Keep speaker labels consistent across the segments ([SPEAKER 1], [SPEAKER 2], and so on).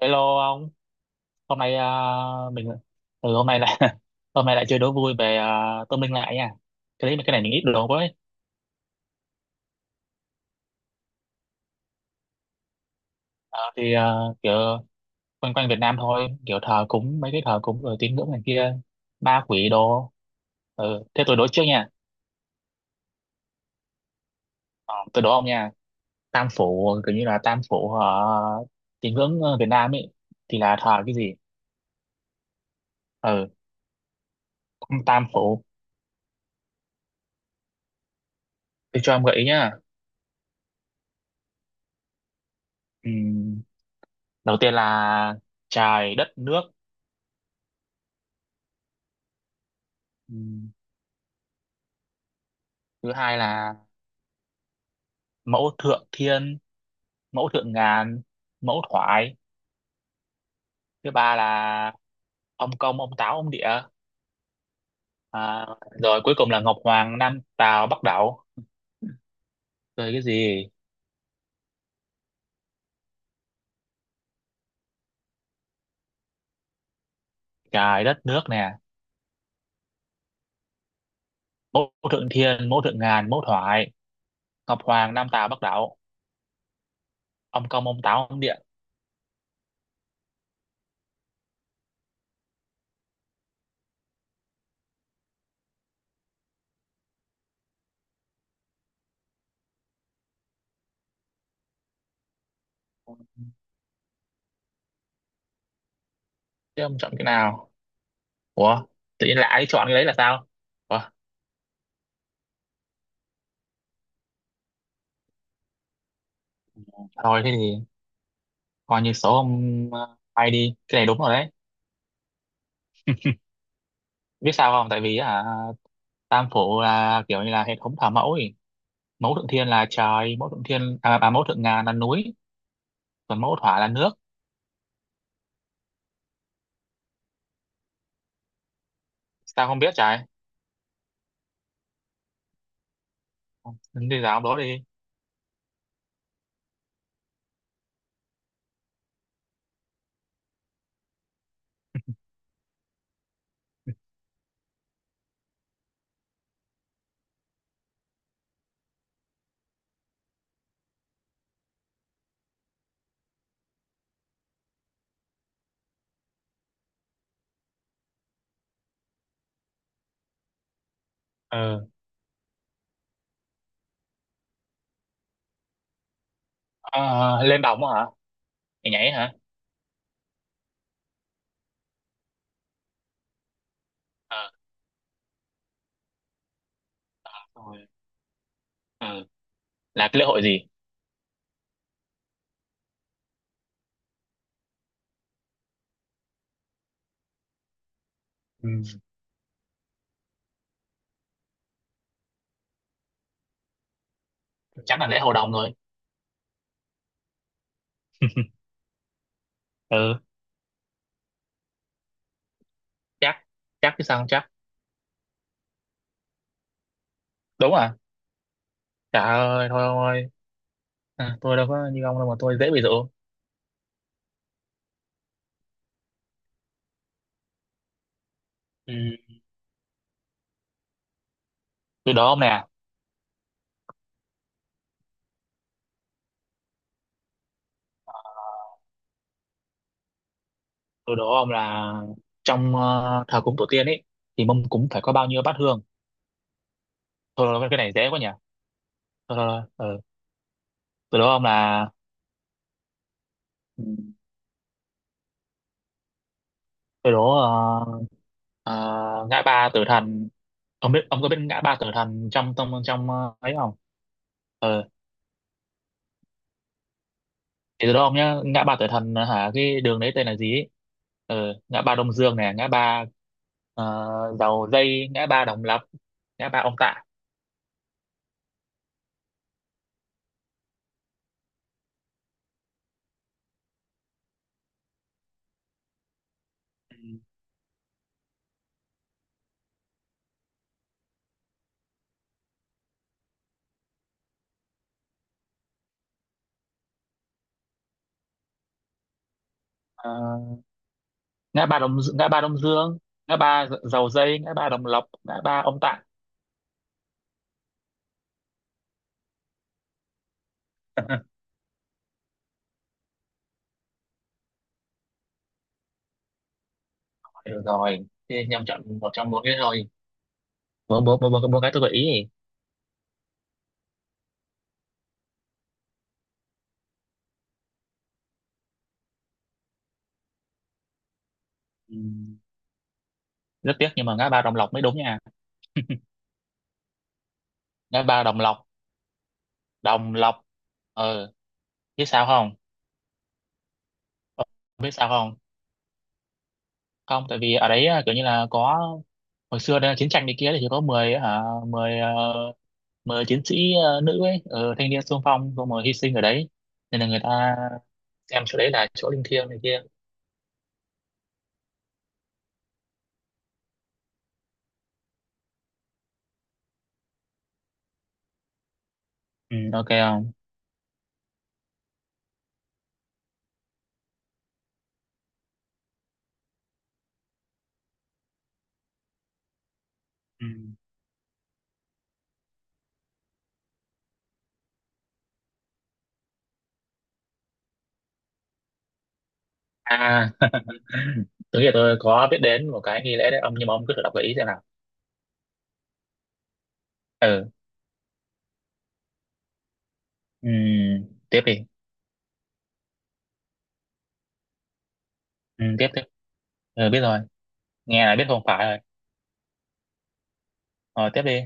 [SPEAKER 1] Hello ông, hôm nay à, mình hôm nay lại hôm nay lại chơi đố vui về tâm linh lại nha. Cái đấy cái này mình ít đồ với. Ờ, thì à, kiểu quanh quanh Việt Nam thôi, kiểu thờ cúng mấy cái thờ cúng rồi tín ngưỡng này kia, ma quỷ đồ. Ừ, thế tôi đố trước nha. Ờ, tôi đố ông nha. Tam phủ, kiểu như là tam phủ uh, tín ngưỡng, Việt Nam ấy thì là thờ cái gì? Ừ, tam phủ. Tôi cho em gợi ý nhá. Ừm, đầu tiên là trời đất nước. Ừm, thứ hai là mẫu thượng thiên, mẫu thượng ngàn, mẫu thoại. Thứ ba là ông công ông táo ông địa, à, rồi cuối cùng là ngọc hoàng nam tào bắc đẩu, rồi cái gì. Trời đất nước nè, mẫu thượng thiên, mẫu thượng ngàn, mẫu thoại, ngọc hoàng nam tào bắc đẩu, ông công ông táo ông địa. Thế ông chọn cái nào? Ủa, tự nhiên lại ai chọn cái đấy là sao. Ủa, thôi thế thì coi như số ông bay đi, cái này đúng rồi đấy. Biết sao không, tại vì tam phủ là kiểu như là hệ thống thờ mẫu ấy. Mẫu thượng thiên là trời, mẫu thượng thiên mẫu thượng ngàn là núi, còn mẫu thỏa là nước. Sao không biết trời, đi dạo đó đi. ờ Ờ, lên đồng hả, nhảy nhảy hả? ờ Rồi. ờ là cái lễ hội gì? Ừ. Chắc là lễ hội đồng rồi. Ừ, chắc. Chắc chứ sao không chắc. Đúng à? Trời ơi, thôi thôi. À, tôi đâu có như ông đâu mà tôi dễ bị dụ. Ừ. Tôi đố ông nè. Tôi đố ông là trong thờ cúng tổ tiên ấy thì mâm cúng phải có bao nhiêu bát hương. Thôi thôi, cái này dễ quá nhỉ. Thôi thôi thôi. Ừ. Tôi đố ông là. Ừ. Cái đó ờ, ngã ba Tử Thần. Ông biết, ông có biết ngã ba Tử Thần trong trong trong ấy không? Ờ, thì từ đó ông nhá, ngã ba Tử Thần hả, cái đường đấy tên là gì ấy? Ờ, ngã ba Đông Dương này, ngã ba Dầu Dây, ngã ba Đồng Lập, ngã ba Ông Tạ. Ừ. Ờ, ngã ba ngã ba Đông Dương, ngã ba Dầu Dây, ngã ba Đồng Lập, ngã ba Ông Tạ. Được rồi thì nhầm, chọn một trong bốn cái thôi. Bốn bốn bốn bốn Bốn cái tôi gợi ý. Ừ. Rất tiếc nhưng mà ngã ba Đồng Lộc mới đúng nha. Ngã ba Đồng Lộc. Đồng Lộc, ờ biết sao không. Ờ, biết sao không, không, tại vì ở đấy à, kiểu như là có, hồi xưa đây là chiến tranh đi kia thì chỉ có 10 hả 10 ờ, 10 chiến sĩ, nữ ấy, thanh niên xung phong xong rồi hy sinh ở đấy. Nên là người ta xem chỗ đấy là chỗ linh thiêng này kia. Ừ, ok không. Ừ. À. Tôi nghĩ là tôi có biết đến một cái nghi lễ đấy ông, nhưng mà ông cứ thử đọc gợi ý xem nào. Ừ, ừ. Tiếp đi. Ừ, tiếp tiếp. Ừ, biết rồi. Nghe là biết không phải rồi. Ờ, tiếp đi.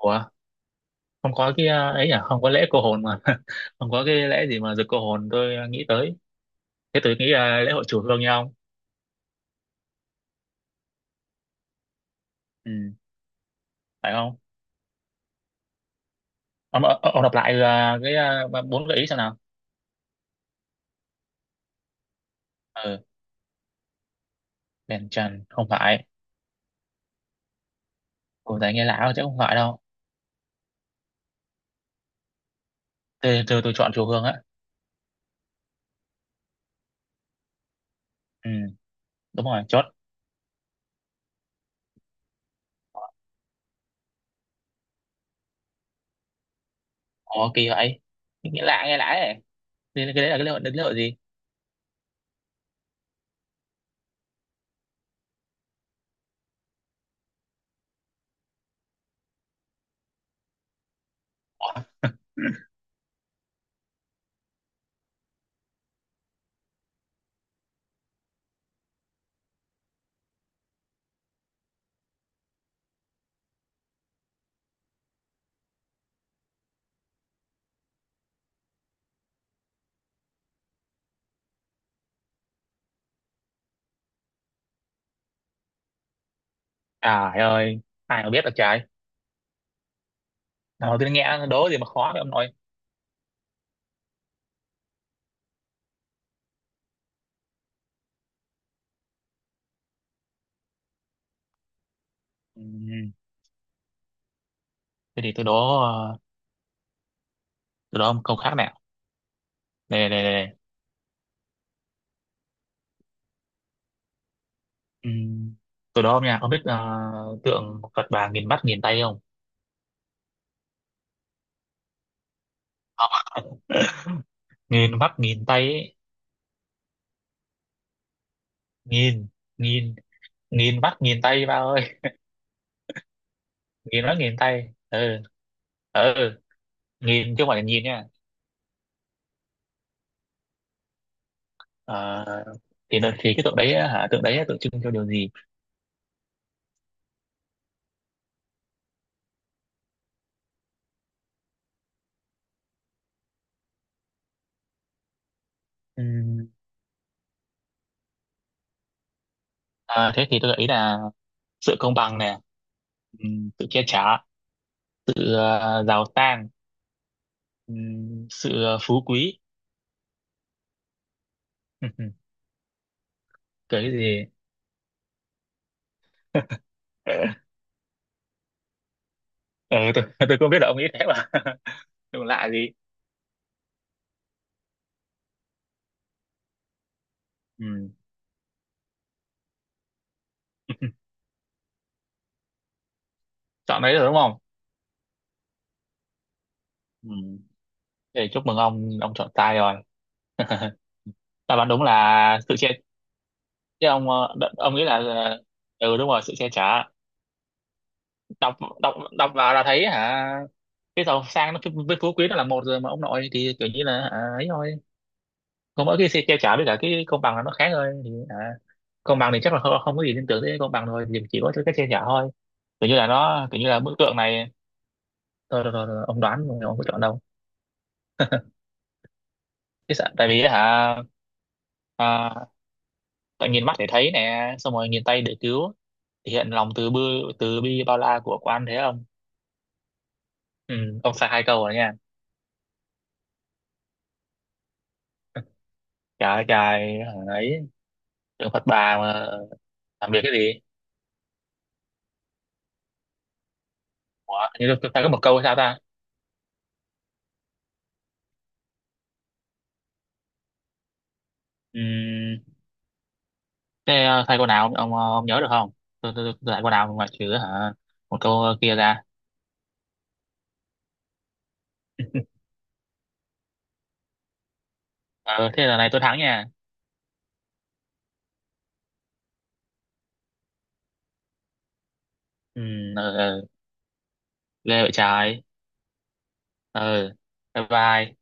[SPEAKER 1] Ủa, không có cái ấy à, không có lễ cô hồn mà. Không có cái lễ gì mà giật cô hồn tôi nghĩ tới. Thế tôi nghĩ là lễ hội chùa Hương nhau không. Ừ, phải không? Ông đọc lại cái bốn gợi ý xem nào. Ừ. Đèn trần không phải. Cổ tay nghe lão chứ không phải đâu. Tôi chọn chùa Hương á. Ừ, đúng rồi, chốt. Ủa, kỳ vậy. Nghe lạ, nghe lạ ấy. Thế cái đấy là lễ hội gì? Trời ơi, ai mà biết được trời. Nào tôi nghe đố gì mà khó vậy ông nội. Ừ. Thế thì tôi đố từ đó ông câu khác nào. Này. Ừm, Từ đó ông nha, ông biết tượng Phật bà nghìn mắt nghìn tay không? Không ạ. Nghìn mắt nghìn tay ấy. Nghìn nghìn Nghìn mắt nghìn tay ba ơi. Nghìn mắt nghìn tay. Ừ. Ừ, nghìn chứ không phải là nhìn nha. Ờ, thì nó- thì cái tượng đấy á, hả, tượng đấy á, tượng trưng cho điều gì? Ừm, à, thế thì tôi gợi ý là sự công bằng nè, sự che chở, sự giàu sang, sự phú quý. Cái gì? Ờ, ừ, tôi không biết là ông nghĩ thế mà. Đừng lạ gì. Ừ. Chọn đấy rồi đúng không? Ừ. Để chúc mừng ông chọn sai rồi. Đáp án đúng là sự che. Chứ ông ông nghĩ là ờ, ừ đúng rồi, sự che chở. Đọc đọc đọc vào là thấy hả. Cái giàu sang nó với phú quý nó là một rồi mà ông nội, thì kiểu như là hả, ấy thôi. Còn mỗi cái sự che chở với cả cái công bằng là nó khác thôi, thì hả, công bằng thì chắc là không, không có gì liên tưởng tới công bằng, thôi thì chỉ có cái che chở thôi. Kiểu như là nó kiểu như là bức tượng này. Thôi rồi, rồi, rồi, ông đoán rồi, ông có chọn đâu. Cái sợ, tại vì hả, à, tại nhìn mắt để thấy nè, xong rồi nhìn tay để cứu. Thể hiện lòng từ bi bao la của quan thế ông. Ừ, ông sai 2 câu rồi nha. Trời ơi, trời, hả ấy, trường Phật bà mà làm việc cái gì? Ủa, hình như tôi sai có một câu hay sao ta? Ừ, thế sai câu nào ông nhớ được không? Tôi sai câu nào ngoại trừ hả, một câu kia ra. Ờ, thế là này tôi thắng nha. Ừ, ờ, ờ, ghê vậy trời. Ờ, bye bye.